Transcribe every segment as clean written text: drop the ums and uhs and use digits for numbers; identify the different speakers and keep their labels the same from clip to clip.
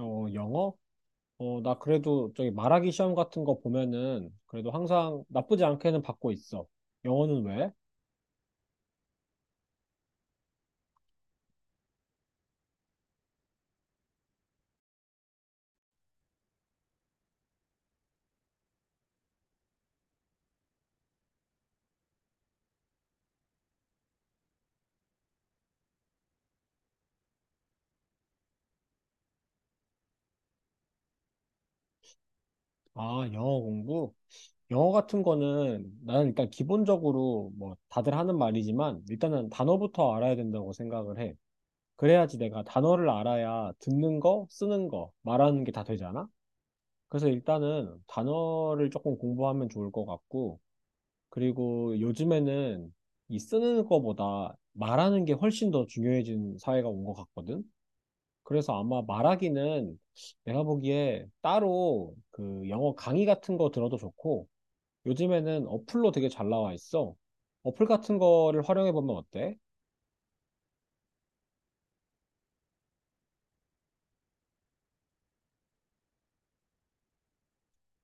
Speaker 1: 어, 영어? 어, 나 그래도 저기 말하기 시험 같은 거 보면은 그래도 항상 나쁘지 않게는 받고 있어. 영어는 왜? 아, 영어 공부? 영어 같은 거는 나는 일단 기본적으로 뭐 다들 하는 말이지만 일단은 단어부터 알아야 된다고 생각을 해. 그래야지 내가 단어를 알아야 듣는 거, 쓰는 거, 말하는 게 다 되잖아? 그래서 일단은 단어를 조금 공부하면 좋을 것 같고, 그리고 요즘에는 이 쓰는 거보다 말하는 게 훨씬 더 중요해진 사회가 온 것 같거든. 그래서 아마 말하기는 내가 보기에 따로 그 영어 강의 같은 거 들어도 좋고, 요즘에는 어플로 되게 잘 나와 있어. 어플 같은 거를 활용해 보면 어때?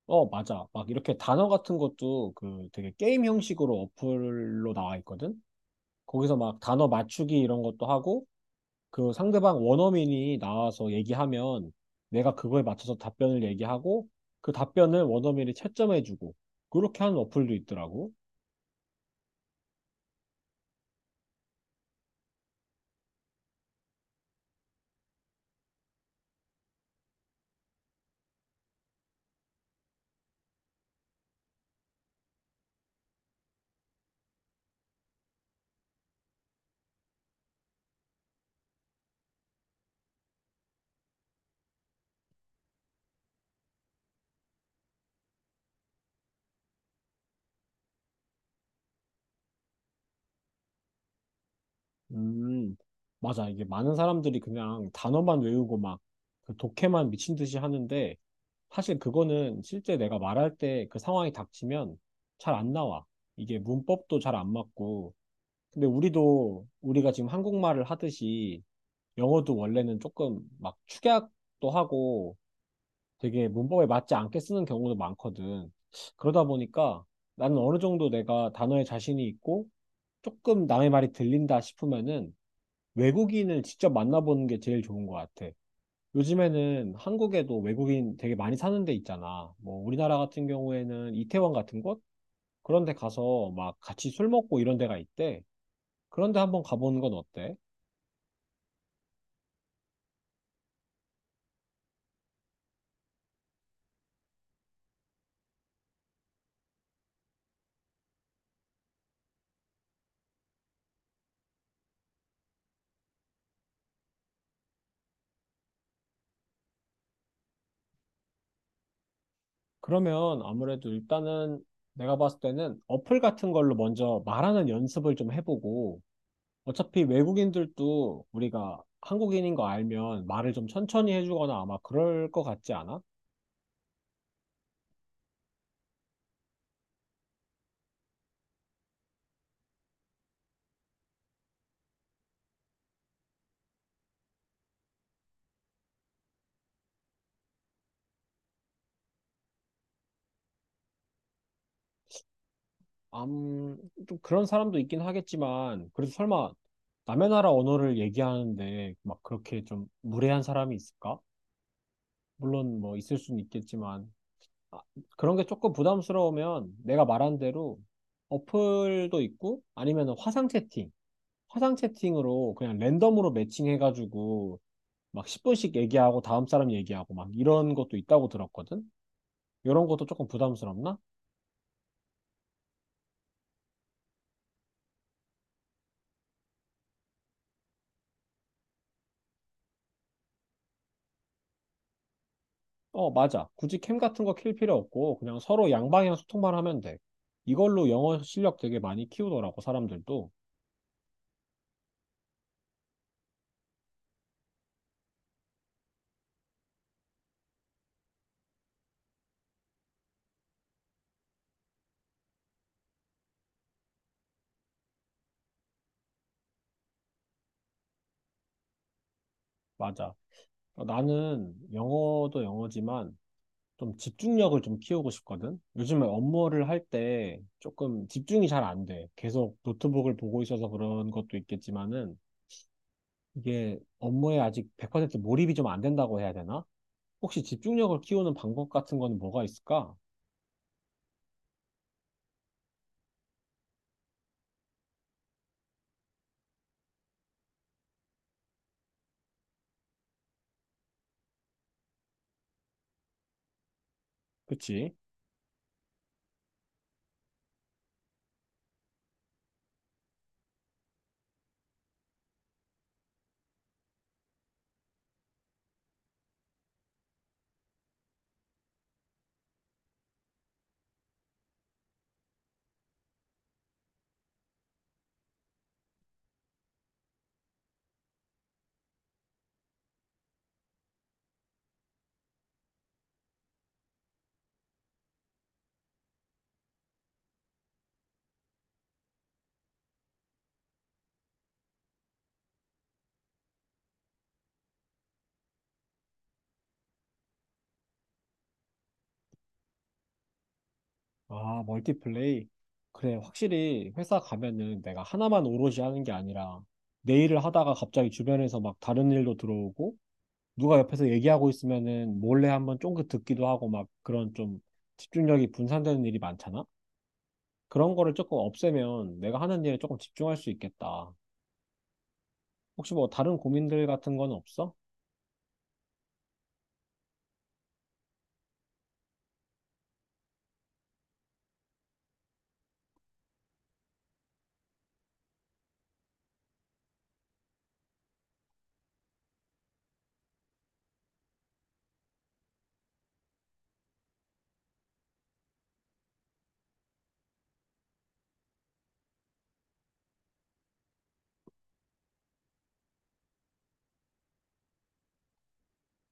Speaker 1: 어, 맞아. 막 이렇게 단어 같은 것도 그 되게 게임 형식으로 어플로 나와 있거든. 거기서 막 단어 맞추기 이런 것도 하고, 그 상대방 원어민이 나와서 얘기하면 내가 그거에 맞춰서 답변을 얘기하고, 그 답변을 원어민이 채점해주고, 그렇게 하는 어플도 있더라고. 음, 맞아. 이게 많은 사람들이 그냥 단어만 외우고 막 그 독해만 미친 듯이 하는데, 사실 그거는 실제 내가 말할 때 그 상황이 닥치면 잘 안 나와. 이게 문법도 잘 안 맞고. 근데 우리도 우리가 지금 한국말을 하듯이 영어도 원래는 조금 막 축약도 하고 되게 문법에 맞지 않게 쓰는 경우도 많거든. 그러다 보니까 나는 어느 정도 내가 단어에 자신이 있고 조금 남의 말이 들린다 싶으면은 외국인을 직접 만나보는 게 제일 좋은 것 같아. 요즘에는 한국에도 외국인 되게 많이 사는 데 있잖아. 뭐 우리나라 같은 경우에는 이태원 같은 곳? 그런 데 가서 막 같이 술 먹고 이런 데가 있대. 그런 데 한번 가보는 건 어때? 그러면 아무래도 일단은 내가 봤을 때는 어플 같은 걸로 먼저 말하는 연습을 좀 해보고, 어차피 외국인들도 우리가 한국인인 거 알면 말을 좀 천천히 해주거나 아마 그럴 것 같지 않아? 암, 좀 그런 사람도 있긴 하겠지만, 그래도 설마 남의 나라 언어를 얘기하는데 막 그렇게 좀 무례한 사람이 있을까? 물론 뭐 있을 수는 있겠지만, 아, 그런 게 조금 부담스러우면 내가 말한 대로 어플도 있고 아니면 화상 채팅, 화상 채팅으로 그냥 랜덤으로 매칭해가지고 막 10분씩 얘기하고 다음 사람 얘기하고 막 이런 것도 있다고 들었거든? 이런 것도 조금 부담스럽나? 어, 맞아. 굳이 캠 같은 거 킬 필요 없고 그냥 서로 양방향 소통만 하면 돼. 이걸로 영어 실력 되게 많이 키우더라고, 사람들도. 맞아. 어, 나는 영어도 영어지만 좀 집중력을 좀 키우고 싶거든? 요즘에 업무를 할 때 조금 집중이 잘 안 돼. 계속 노트북을 보고 있어서 그런 것도 있겠지만은 이게 업무에 아직 100% 몰입이 좀 안 된다고 해야 되나? 혹시 집중력을 키우는 방법 같은 거는 뭐가 있을까? 그치? 아, 멀티플레이. 그래, 확실히 회사 가면은 내가 하나만 오롯이 하는 게 아니라 내 일을 하다가 갑자기 주변에서 막 다른 일도 들어오고, 누가 옆에서 얘기하고 있으면은 몰래 한번 쫑긋 듣기도 하고 막 그런 좀 집중력이 분산되는 일이 많잖아? 그런 거를 조금 없애면 내가 하는 일에 조금 집중할 수 있겠다. 혹시 뭐 다른 고민들 같은 건 없어?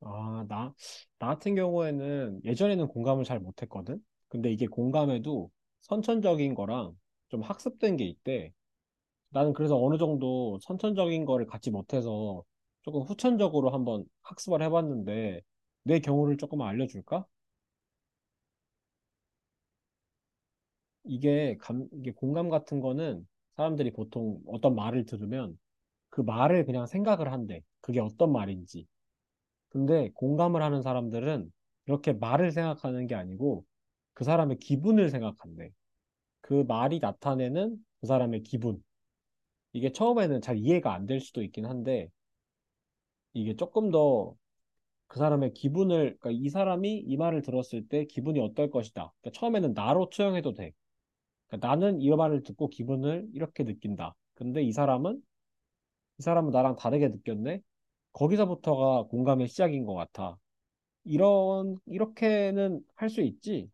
Speaker 1: 아, 나, 나 같은 경우에는 예전에는 공감을 잘 못했거든? 근데 이게 공감에도 선천적인 거랑 좀 학습된 게 있대. 나는 그래서 어느 정도 선천적인 거를 갖지 못해서 조금 후천적으로 한번 학습을 해봤는데 내 경우를 조금 알려줄까? 이게 공감 같은 거는 사람들이 보통 어떤 말을 들으면 그 말을 그냥 생각을 한대. 그게 어떤 말인지. 근데 공감을 하는 사람들은 이렇게 말을 생각하는 게 아니고 그 사람의 기분을 생각한대. 그 말이 나타내는 그 사람의 기분. 이게 처음에는 잘 이해가 안 될 수도 있긴 한데 이게 조금 더 그 사람의 기분을, 그러니까 이 사람이 이 말을 들었을 때 기분이 어떨 것이다. 그러니까 처음에는 나로 투영해도 돼. 그러니까 나는 이 말을 듣고 기분을 이렇게 느낀다. 근데 이 사람은 나랑 다르게 느꼈네. 거기서부터가 공감의 시작인 것 같아. 이런 이렇게는 할 수 있지.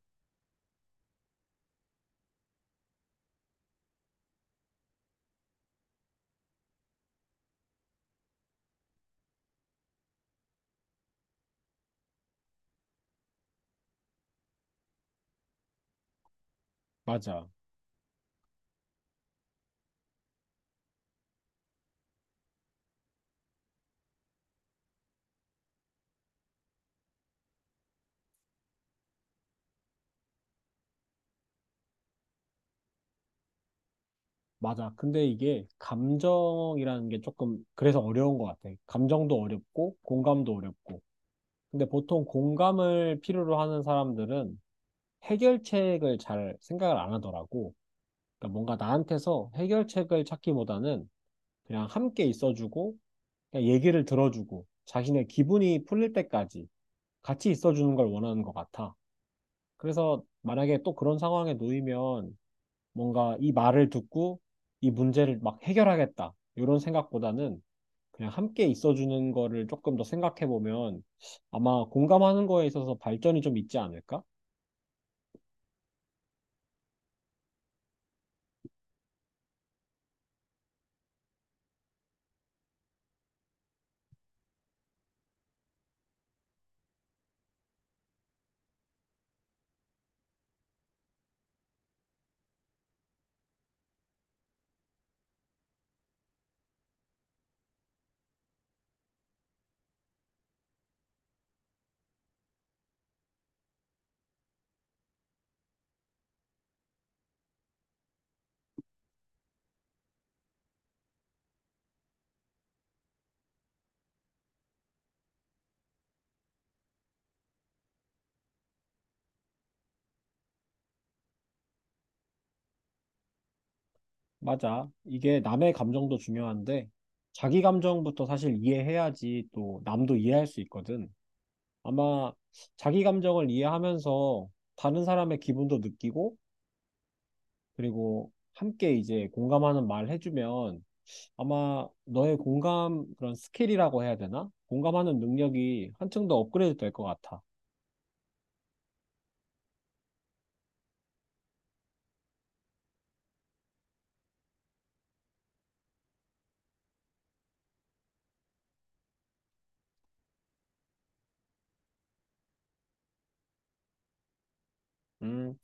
Speaker 1: 맞아. 맞아. 근데 이게 감정이라는 게 조금 그래서 어려운 것 같아. 감정도 어렵고 공감도 어렵고. 근데 보통 공감을 필요로 하는 사람들은 해결책을 잘 생각을 안 하더라고. 그러니까 뭔가 나한테서 해결책을 찾기보다는 그냥 함께 있어주고 그냥 얘기를 들어주고 자신의 기분이 풀릴 때까지 같이 있어주는 걸 원하는 것 같아. 그래서 만약에 또 그런 상황에 놓이면 뭔가 이 말을 듣고 이 문제를 막 해결하겠다, 이런 생각보다는 그냥 함께 있어주는 거를 조금 더 생각해보면 아마 공감하는 거에 있어서 발전이 좀 있지 않을까? 맞아. 이게 남의 감정도 중요한데 자기 감정부터 사실 이해해야지 또 남도 이해할 수 있거든. 아마 자기 감정을 이해하면서 다른 사람의 기분도 느끼고 그리고 함께 이제 공감하는 말 해주면 아마 너의 공감 그런 스킬이라고 해야 되나? 공감하는 능력이 한층 더 업그레이드 될 것 같아. 음,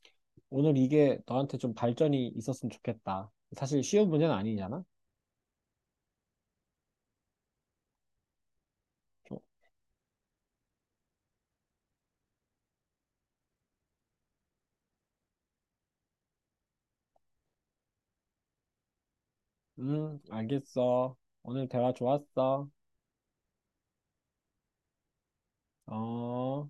Speaker 1: 오늘 이게 너한테 좀 발전이 있었으면 좋겠다. 사실 쉬운 문제는 아니잖아. 좀, 알겠어. 오늘 대화 좋았어. 어.